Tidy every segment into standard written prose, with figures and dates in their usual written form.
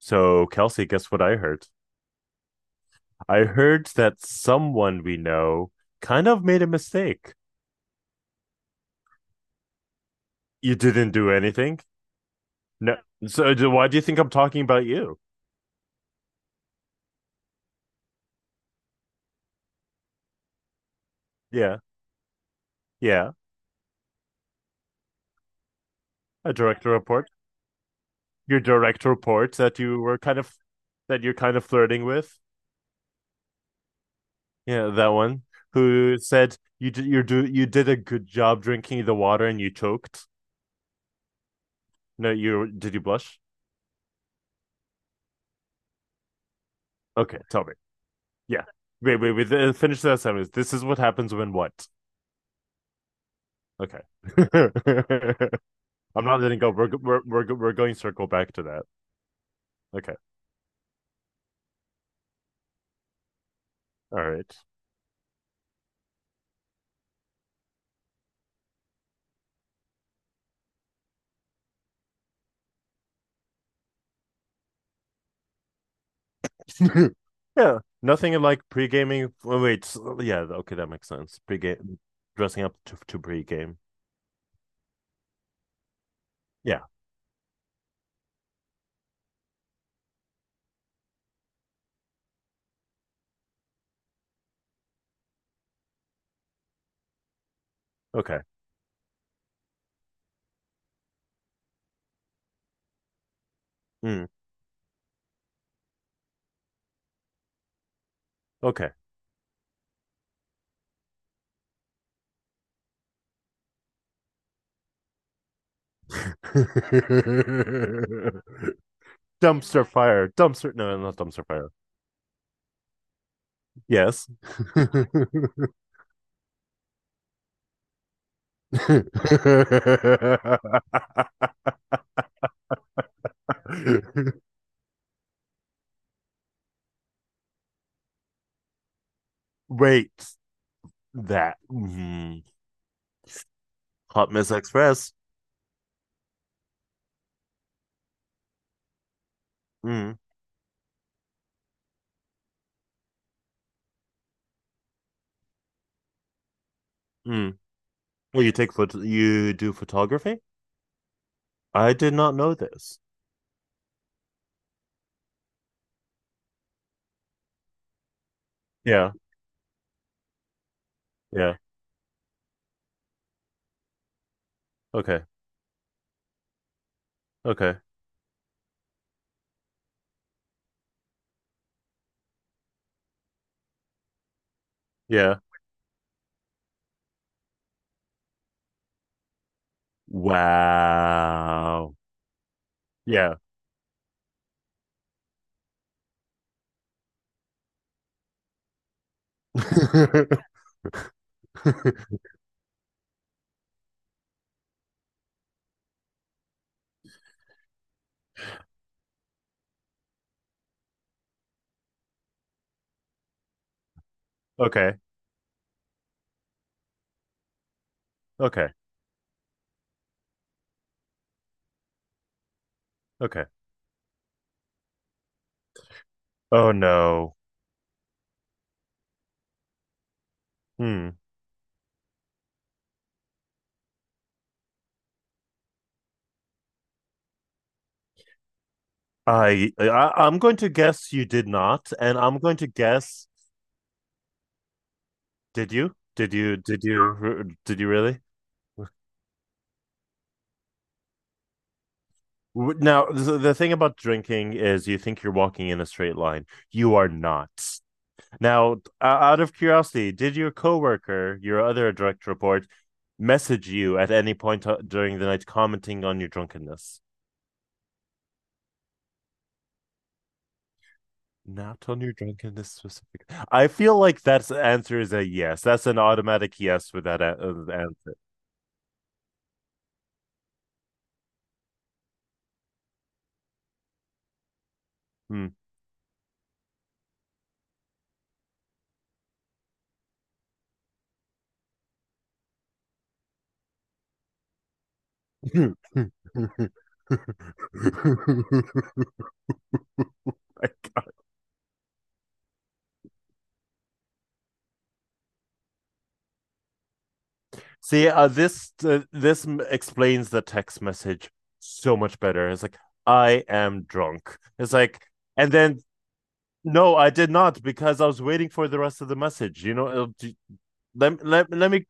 So, Kelsey, guess what I heard? I heard that someone we know kind of made a mistake. You didn't do anything? No. So, why do you think I'm talking about you? Yeah. Yeah. A direct report. Your direct report that you're kind of flirting with. Yeah, that one who said you did a good job drinking the water and you choked. No, you blush? Okay, tell me. Yeah. Wait, wait, wait. Finish that sentence. This is what happens when what? Okay. I'm not letting go. We're going to circle back to that. Okay. All right. Yeah. Nothing like pre-gaming. Oh, wait. Yeah. Okay, that makes sense. Pre-game, dressing up to pre-game. Yeah. Okay. Mm, okay. Dumpster fire. Dumpster. No, not dumpster fire. Yes. Wait. That. Mhm. Hot Mess Express. Mm, mm. Well, you take photo, you do photography? I did not know this. Yeah, yeah. Okay, okay. Yeah. Wow. Yeah. Okay, okay, okay. Oh no. Hmm. I, I I'm going to guess you did not, and I'm going to guess did you? Did you? Did you? Did you really? Now, the thing about drinking is you think you're walking in a straight line. You are not. Now, out of curiosity, did your coworker, your other direct report, message you at any point during the night commenting on your drunkenness? Not on your drunkenness specifically. I feel like that's the answer is a yes. That's an automatic yes with that answer. Hmm. See, this this explains the text message so much better. It's like I am drunk. It's like, and then no, I did not because I was waiting for the rest of the message. You know, let me.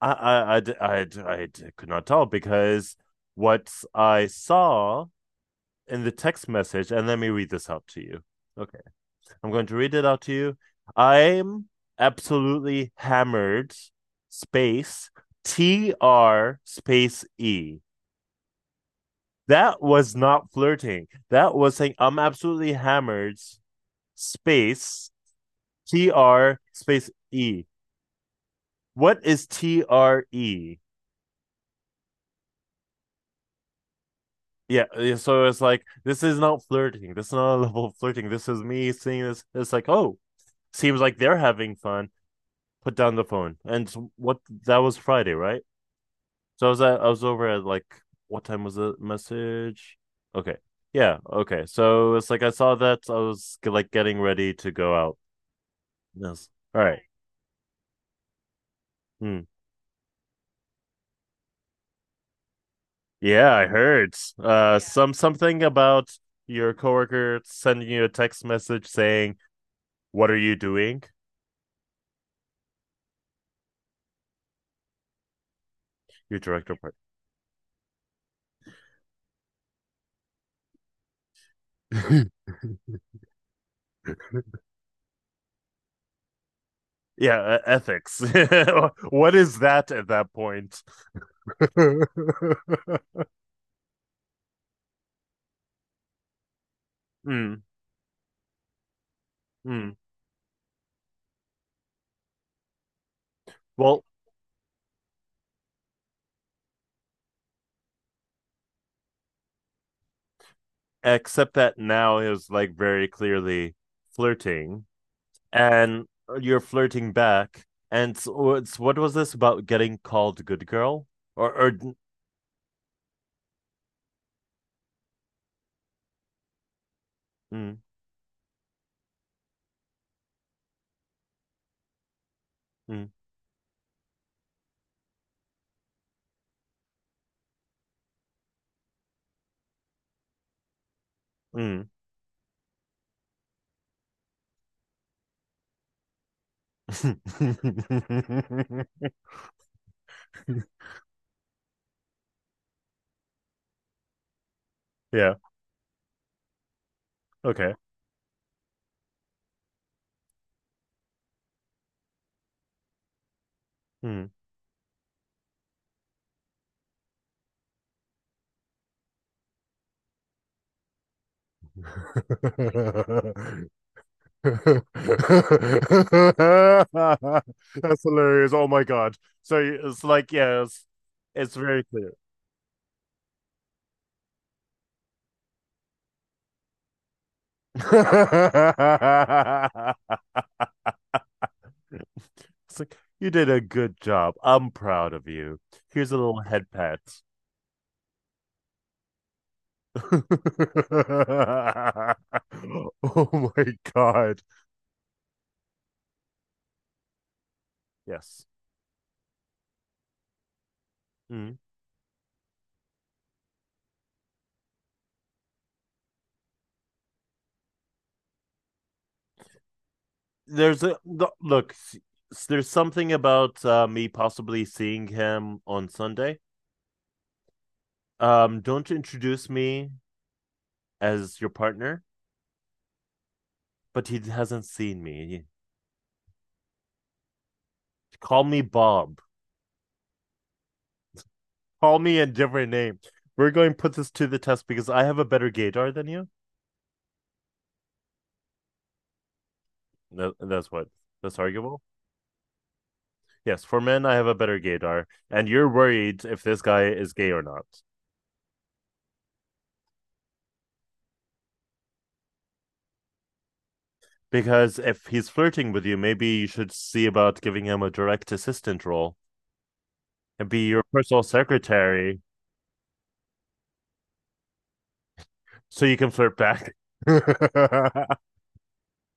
I could not tell because what I saw in the text message, and let me read this out to you. Okay, I'm going to read it out to you. I'm absolutely hammered. Space T R space E. That was not flirting. That was saying I'm absolutely hammered. Space T R space E. What is TRE? Yeah, yeah, so it's like this is not flirting. This is not a level of flirting. This is me seeing this. It's like, oh, seems like they're having fun. Put down the phone. And what that was Friday, right? So I was over at like what time was the message? Okay, yeah, okay. So it's like I saw that I was like getting ready to go out. Yes. All right. Hmm. Yeah, I heard. Yeah. Something about your coworker sending you a text message saying what are you doing? Your director part. Yeah, ethics. What is that at that point? Mm, mm. Well, except that now is like very clearly flirting, and you're flirting back. And so it's, what was this about getting called good girl or mm, mm, mm. Yeah, okay. mm. That's hilarious. Oh my God. So it's like, yeah, it's very clear. It's like, you did a good job. I'm proud of you. Here's a little head pat. Oh my God. Yes. Mm. There's look, there's something about me possibly seeing him on Sunday. Don't introduce me as your partner, but he hasn't seen me. Call me Bob. Call me a different name. We're going to put this to the test because I have a better gaydar than you. That's what. That's arguable. Yes, for men, I have a better gaydar, and you're worried if this guy is gay or not. Because if he's flirting with you, maybe you should see about giving him a direct assistant role and be your personal secretary so you can flirt back.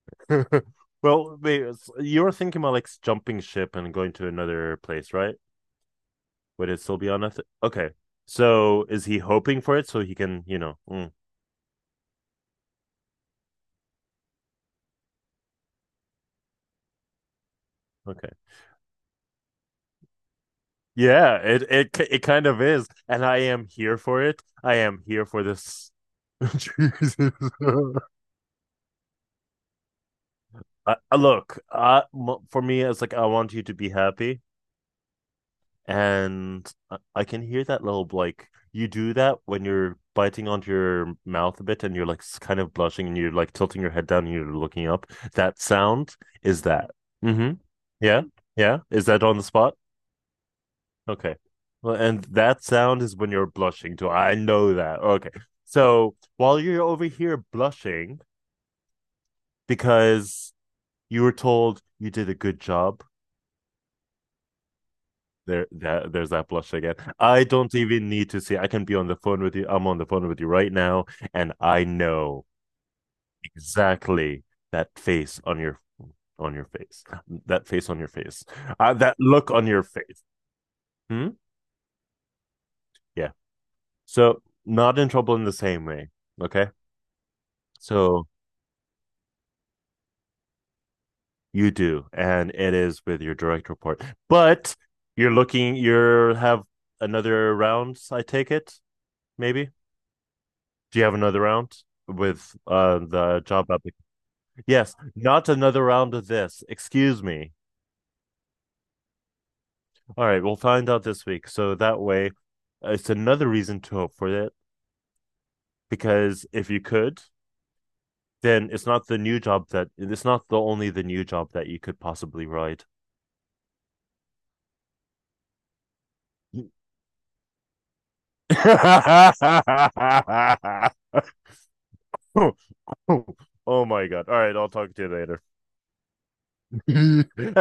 Well, wait, you were thinking about like jumping ship and going to another place, right? Would it still be on Eth-? Okay. So is he hoping for it so he can, okay. Yeah, it kind of is, and I am here for it. I am here for this. Jesus. Look, for me, it's like I want you to be happy. And I can hear that little like you do that when you're biting onto your mouth a bit and you're like kind of blushing and you're like tilting your head down and you're looking up. That sound is that. Mm-hmm. Yeah. Yeah. Is that on the spot? Okay. Well, and that sound is when you're blushing too. I know that. Okay. So while you're over here blushing because you were told you did a good job, there's that blush again. I don't even need to see. I can be on the phone with you. I'm on the phone with you right now, and I know exactly that face on your face, that face on your face, that look on your face. Hmm? Yeah. So not in trouble in the same way. Okay. So you do, and it is with your direct report, but you're looking. You're have another round. I take it, maybe. Do you have another round with the job application? Yes, not another round of this. Excuse me. All right, we'll find out this week. So that way, it's another reason to hope for it because if you could, then it's not the only the new job that you could possibly ride. Oh my God. All right, I'll talk to you later. and